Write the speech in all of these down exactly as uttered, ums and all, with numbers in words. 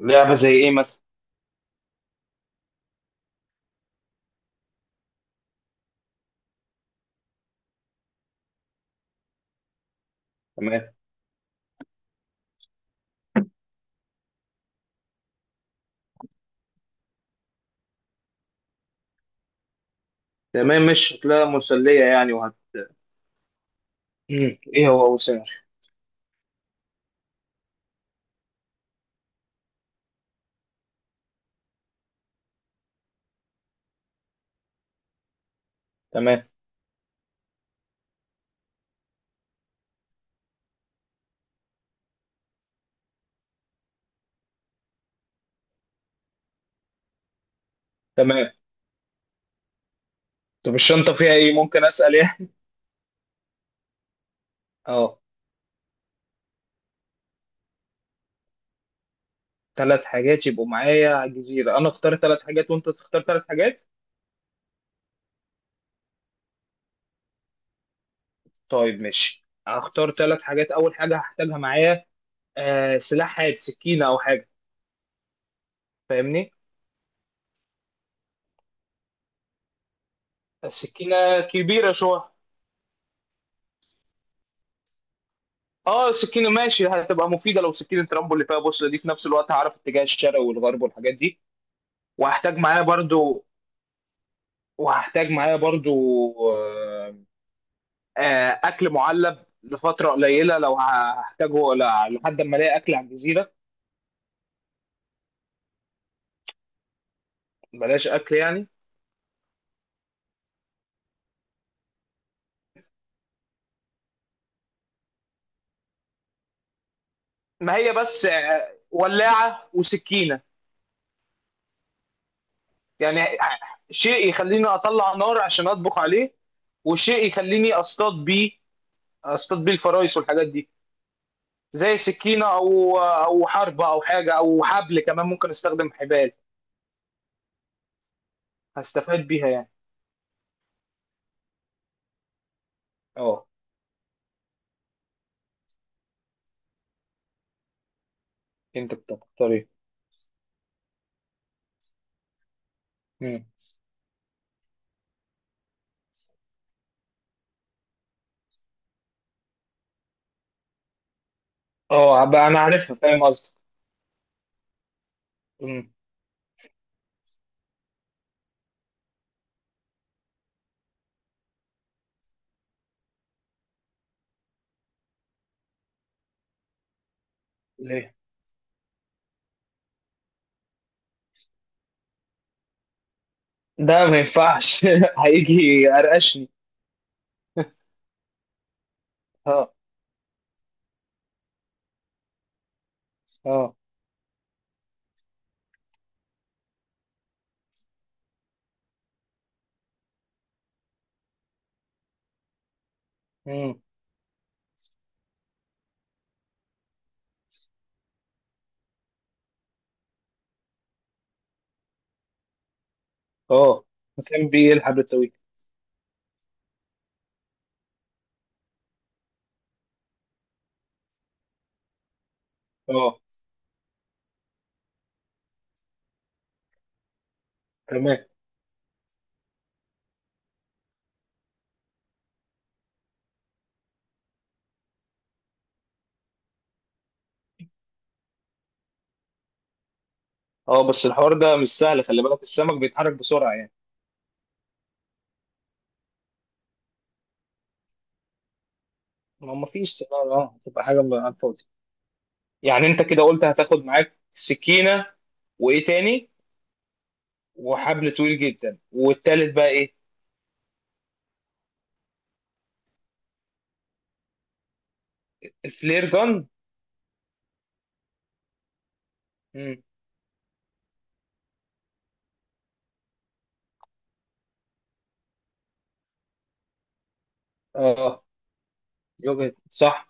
لعبة زي إيه مثلا؟ تمام. تمام، مش هتلاقيها مسلية يعني وهت مم. إيه هو أبو سامر؟ تمام. تمام، طب الشنطة فيها إيه؟ ممكن أسأل يعني؟ أه. ثلاث حاجات يبقوا معايا على الجزيرة، أنا أختار ثلاث حاجات وأنت تختار ثلاث حاجات؟ طيب ماشي، هختار ثلاث حاجات. أول حاجة هحتاجها معايا آه سلاح حاد، سكينة أو حاجة. فاهمني؟ السكينة كبيرة شوية. اه سكينة ماشي، هتبقى مفيدة لو سكينة رامبو اللي فيها بوصلة دي، في نفس الوقت هعرف اتجاه الشرق والغرب والحاجات دي. وهحتاج معايا برضو، وهحتاج معايا برضو آه، آه، اكل معلب لفتره قليله لو هحتاجه ل- لحد ما الاقي اكل على الجزيره. بلاش اكل يعني. ما هي بس آه، ولاعه وسكينه. يعني آه، شيء يخليني اطلع نار عشان اطبخ عليه، وشيء يخليني اصطاد بيه، اصطاد بيه الفرايس والحاجات دي. زي سكينه او او حربه او حاجه، او حبل كمان ممكن استخدم حبال، هستفاد بيها يعني. اه. انت بتختار ايه؟ مم. اه بقى انا عارفها، فاهم قصدي. مم. ليه؟ ده ما ينفعش. هيجي يقرقشني. اه. اه. مم. اه. كان بيلحق بتوي. اه. تمام. اه بس الحوار ده مش سهل، خلي بالك السمك بيتحرك بسرعه يعني. ما ما فيش، اه اه هتبقى حاجه م- على الفاضي يعني. انت كده قلت هتاخد معاك سكينه، وايه تاني؟ وحبل طويل جدا، والتالت بقى ايه؟ الفلير جن. مم. اه. يوجد صح.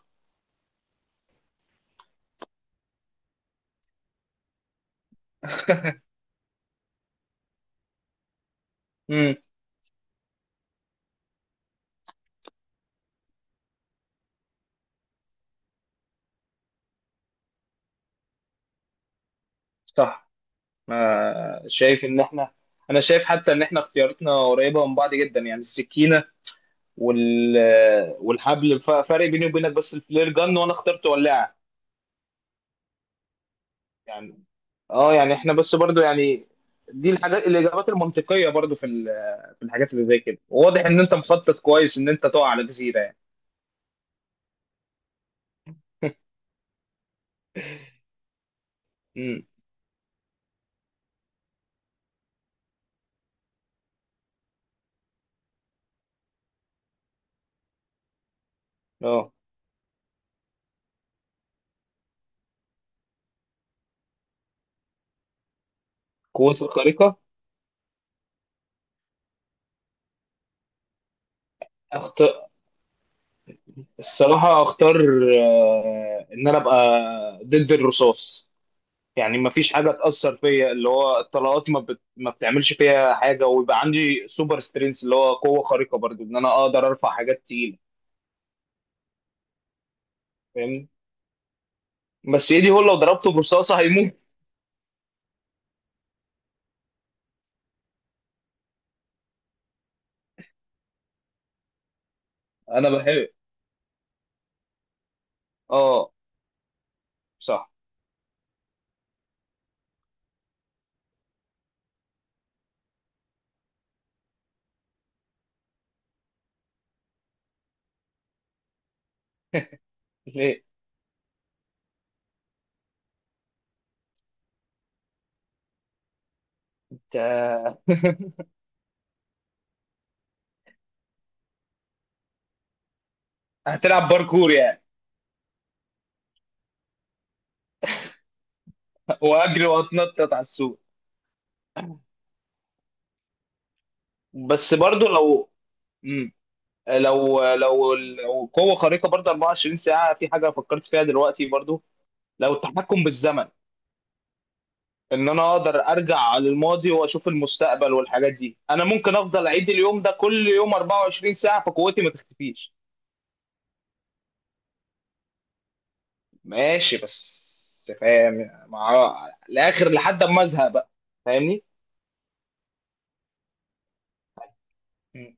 مم. صح. ما شايف ان احنا، انا شايف حتى ان احنا اختياراتنا قريبه من بعض جدا، يعني السكينه وال والحبل، ف- فرق بيني وبينك بس الفلير جن، وانا اخترت ولاعه يعني. اه يعني احنا بس برضو يعني دي الحاجات، الاجابات المنطقيه برضو في ال- في الحاجات اللي زي كده. واضح ان انت مخطط كويس ان انت تقع على جزيره يعني. امم. اه. قوات الخارقه. أخت... الصراحه اختار آه، ان انا ابقى ضد الرصاص. يعني ما فيش حاجه تاثر فيا، اللي هو طلقاتي ما, بت... ما بتعملش فيها حاجه، ويبقى عندي سوبر سترينث، اللي هو قوه خارقه برضو، ان انا اقدر ارفع حاجات تقيله. فاهمني. بس ايدي هو لو ضربته برصاصه هيموت. انا بحب. اه. صح. ليه؟ انت! هتلعب باركور يعني، واجري واتنطط على السور. بس برضو لو، مم. لو لو لو قوه خارقه برضو أربعة وعشرين ساعه، في حاجه فكرت فيها دلوقتي برضو، لو التحكم بالزمن. ان انا اقدر ارجع للماضي واشوف المستقبل والحاجات دي، انا ممكن افضل اعيد اليوم ده كل يوم أربعة وعشرين ساعة فقوتي ما تختفيش. ماشي بس، فاهم مع الاخر لحد ما ازهق بقى. فاهمني. مم.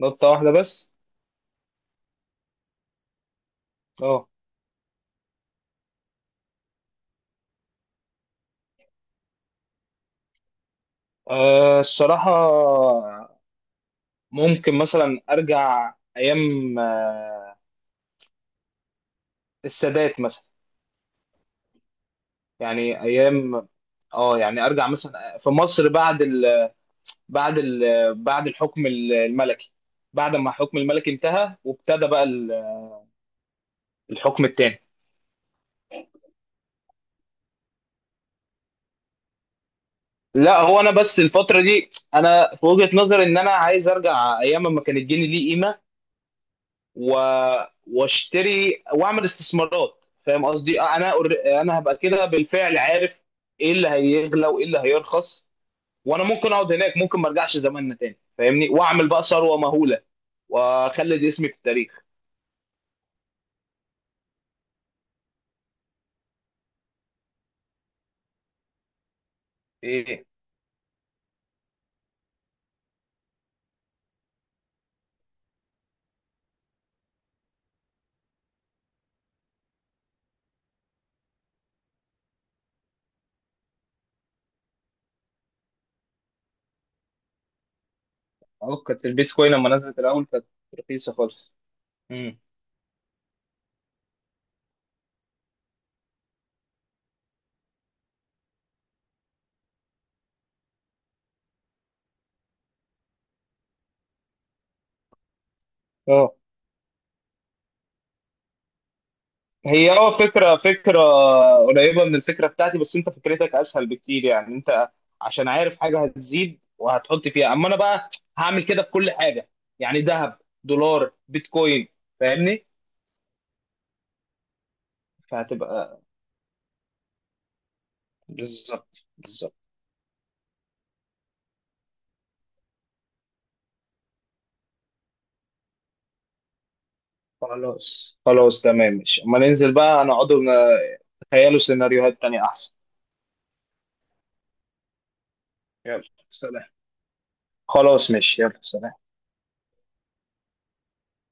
نقطة واحدة بس. اه. آه، الصراحة ممكن مثلا ارجع ايام آه، السادات مثلا، يعني ايام. اه يعني ارجع مثلا في مصر بعد، بعد ال- بعد الحكم ال- الملكي، بعد ما الحكم الملكي انتهى وابتدى بقى ال- الحكم التاني. لا هو انا بس الفتره دي، انا في وجهه نظري ان انا عايز ارجع ايام ما كان الجنيه ليه قيمه و... واشتري واعمل استثمارات. فاهم قصدي؟ آه، انا أور- انا هبقى كده بالفعل عارف ايه اللي هيغلى وايه اللي هيرخص، وانا ممكن اقعد هناك، ممكن ما ارجعش زماننا تاني فاهمني، واعمل بقى ثروه مهوله واخلد اسمي في التاريخ. إيه. اه كانت البيتكوين لما نزلت الاول كانت رخيصه خالص. امم. اه. هي اه فكره، فكره قريبه من الفكره بتاعتي، بس انت فكرتك اسهل بكتير يعني. انت عشان عارف حاجه هتزيد وهتحط فيها، اما انا بقى هعمل كده في كل حاجه، يعني ذهب، دولار، بيتكوين. فاهمني؟ فهتبقى، بالظبط بالظبط. خلاص خلاص تمام ماشي، اما ننزل بقى نقعد ون- نتخيلوا سيناريوهات تانية احسن. يلا، سلام. خلاص ماشي، يلا سلام.